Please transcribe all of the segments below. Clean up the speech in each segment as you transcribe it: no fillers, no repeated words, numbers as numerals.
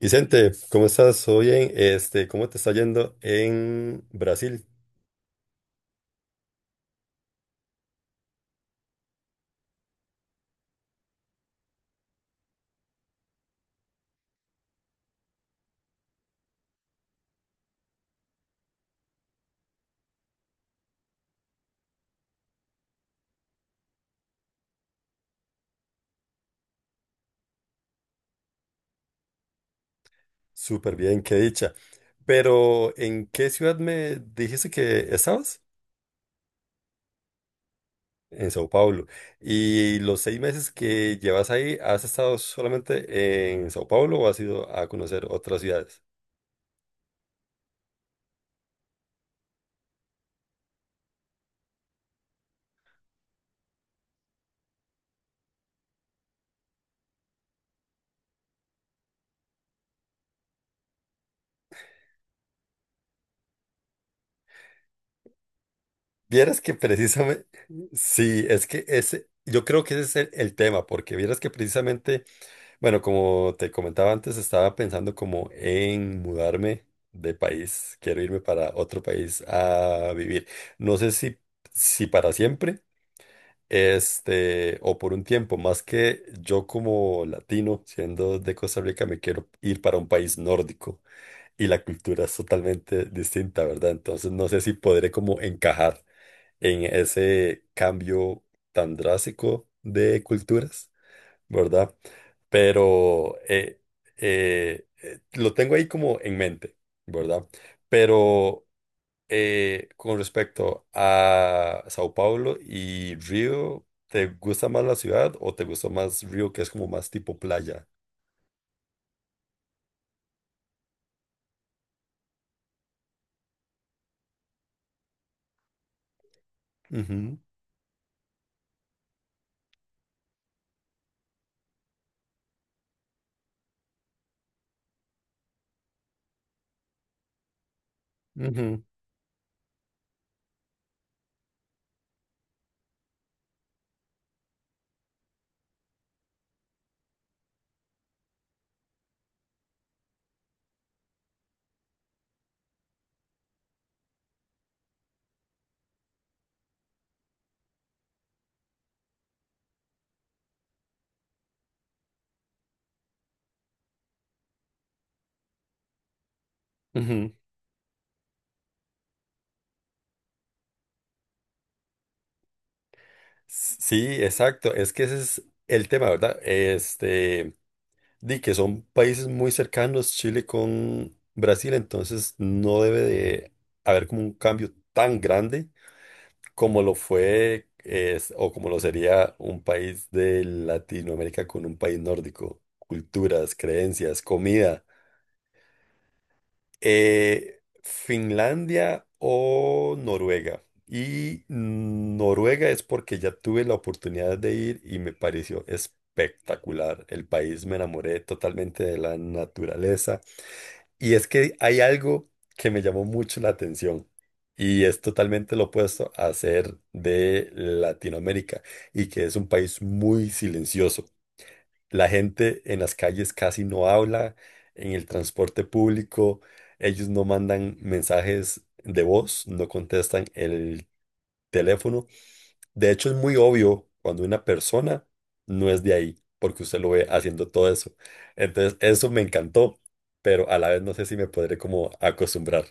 Vicente, ¿cómo estás? Hoy en este, ¿cómo te está yendo en Brasil? Súper bien, qué dicha. Pero, ¿en qué ciudad me dijiste que estabas? En Sao Paulo. ¿Y los 6 meses que llevas ahí, has estado solamente en Sao Paulo o has ido a conocer otras ciudades? Vieras que precisamente, sí, es que ese, yo creo que ese es el tema, porque vieras que precisamente bueno, como te comentaba antes, estaba pensando como en mudarme de país. Quiero irme para otro país a vivir. No sé si, si para siempre, este, o por un tiempo. Más que yo como latino, siendo de Costa Rica, me quiero ir para un país nórdico y la cultura es totalmente distinta, ¿verdad? Entonces no sé si podré como encajar en ese cambio tan drástico de culturas. ¿Verdad? Pero lo tengo ahí como en mente, ¿verdad? Pero con respecto a Sao Paulo y Río, ¿te gusta más la ciudad o te gusta más Río, que es como más tipo playa? Ujú, ujú, ujú. Sí, exacto. Es que ese es el tema, ¿verdad? Este. Di que son países muy cercanos, Chile con Brasil, entonces no debe de haber como un cambio tan grande como lo fue o como lo sería un país de Latinoamérica con un país nórdico. Culturas, creencias, comida. Finlandia o Noruega. Y Noruega es porque ya tuve la oportunidad de ir y me pareció espectacular. El país me enamoré totalmente de la naturaleza y es que hay algo que me llamó mucho la atención y es totalmente lo opuesto a ser de Latinoamérica y que es un país muy silencioso. La gente en las calles casi no habla, en el transporte público ellos no mandan mensajes de voz, no contestan el teléfono. De hecho, es muy obvio cuando una persona no es de ahí, porque usted lo ve haciendo todo eso. Entonces, eso me encantó, pero a la vez no sé si me podré como acostumbrar.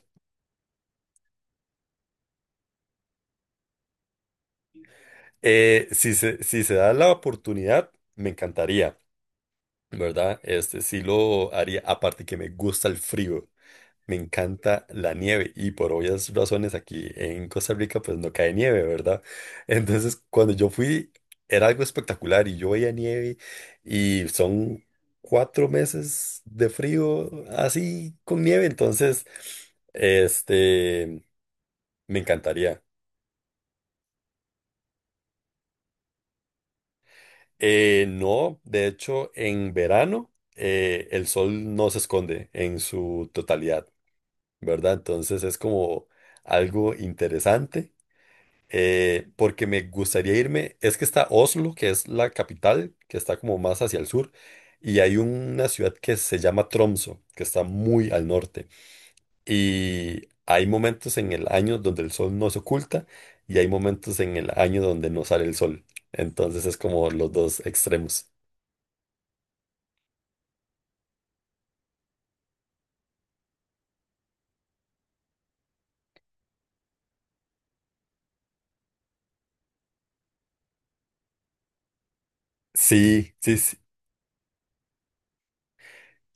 Si se da la oportunidad, me encantaría, ¿verdad? Este sí lo haría, aparte que me gusta el frío. Me encanta la nieve y por obvias razones aquí en Costa Rica pues no cae nieve, ¿verdad? Entonces cuando yo fui era algo espectacular y yo veía nieve y son 4 meses de frío así con nieve, entonces este me encantaría. No, de hecho en verano el sol no se esconde en su totalidad, ¿verdad? Entonces es como algo interesante porque me gustaría irme. Es que está Oslo, que es la capital, que está como más hacia el sur, y hay una ciudad que se llama Tromso, que está muy al norte. Y hay momentos en el año donde el sol no se oculta y hay momentos en el año donde no sale el sol. Entonces es como los dos extremos. Sí, sí, sí.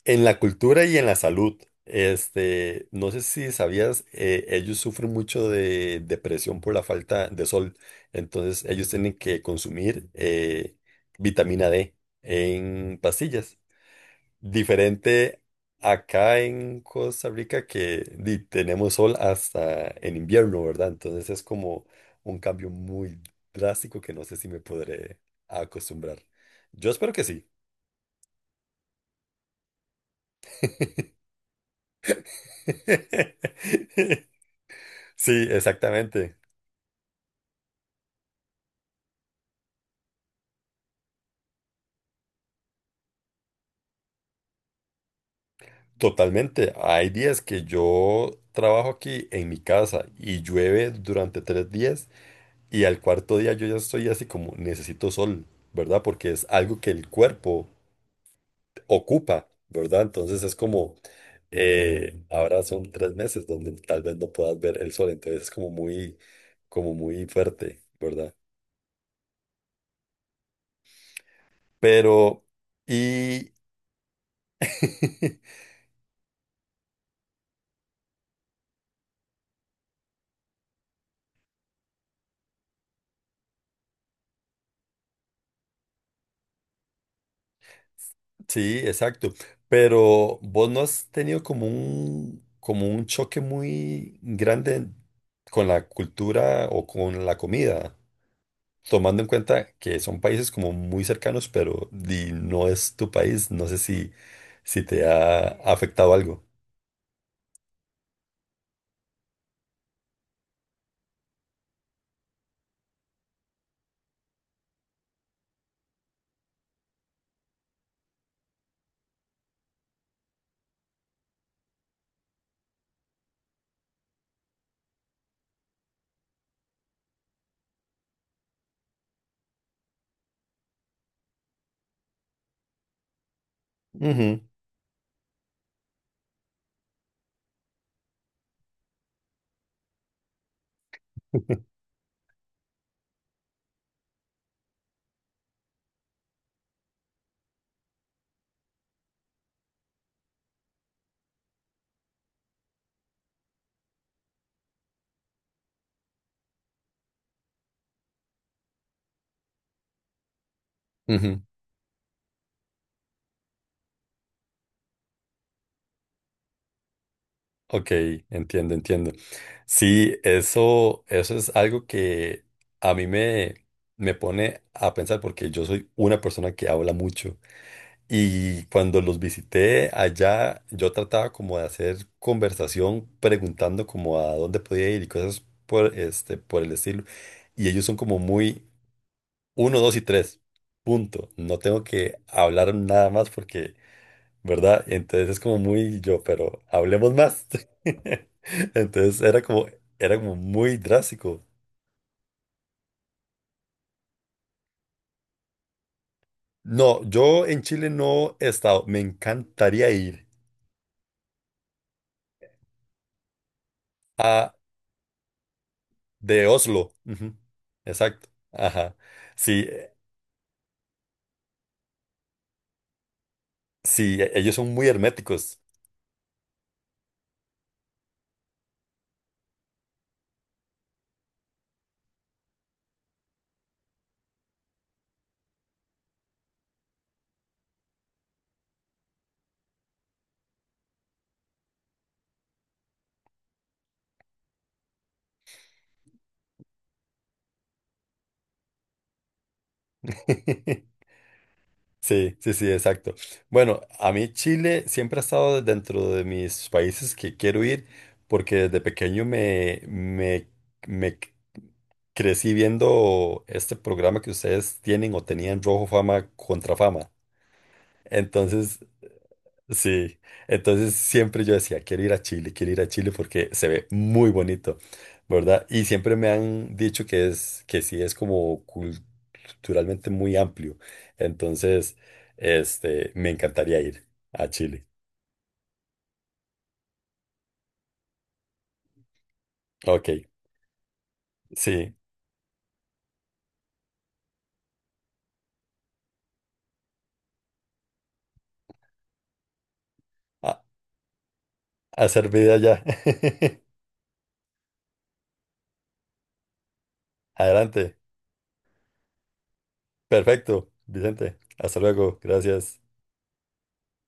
En la cultura y en la salud, este, no sé si sabías, ellos sufren mucho de depresión por la falta de sol, entonces ellos tienen que consumir vitamina D en pastillas, diferente acá en Costa Rica que di, tenemos sol hasta en invierno, ¿verdad? Entonces es como un cambio muy drástico que no sé si me podré acostumbrar. Yo espero que sí. Sí, exactamente. Totalmente. Hay días que yo trabajo aquí en mi casa y llueve durante 3 días y al cuarto día yo ya estoy así como necesito sol, ¿verdad? Porque es algo que el cuerpo ocupa, ¿verdad? Entonces es como, ahora son 3 meses donde tal vez no puedas ver el sol, entonces es como muy fuerte, ¿verdad? Pero, y sí, exacto. Pero vos no has tenido como un choque muy grande con la cultura o con la comida, tomando en cuenta que son países como muy cercanos, pero no es tu país. No sé si, si te ha afectado algo. Ujú. Ujú, ok, entiendo, entiendo. Sí, eso es algo que a mí me, me pone a pensar porque yo soy una persona que habla mucho. Y cuando los visité allá, yo trataba como de hacer conversación preguntando como a dónde podía ir y cosas por, este, por el estilo. Y ellos son como muy uno, dos y tres. Punto. No tengo que hablar nada más porque, ¿verdad? Entonces es como muy yo, pero hablemos más. Entonces era como muy drástico. No, yo en Chile no he estado. Me encantaría ir. De Oslo. Ujú. Exacto. Ajá. Sí, sí, ellos son muy herméticos. Sí, sí, sí, exacto. Bueno, a mí Chile siempre ha estado dentro de mis países que quiero ir porque desde pequeño me c- crecí viendo este programa que ustedes tienen o tenían Rojo Fama contra Fama. Entonces, sí, entonces siempre yo decía, quiero ir a Chile, quiero ir a Chile porque se ve muy bonito, ¿verdad? Y siempre me han dicho que es, que sí es como culturalmente muy amplio. Entonces, este, me encantaría ir a Chile. Ok, sí, a, a hacer vida ya. Adelante. Perfecto, Vicente. Hasta luego. Gracias.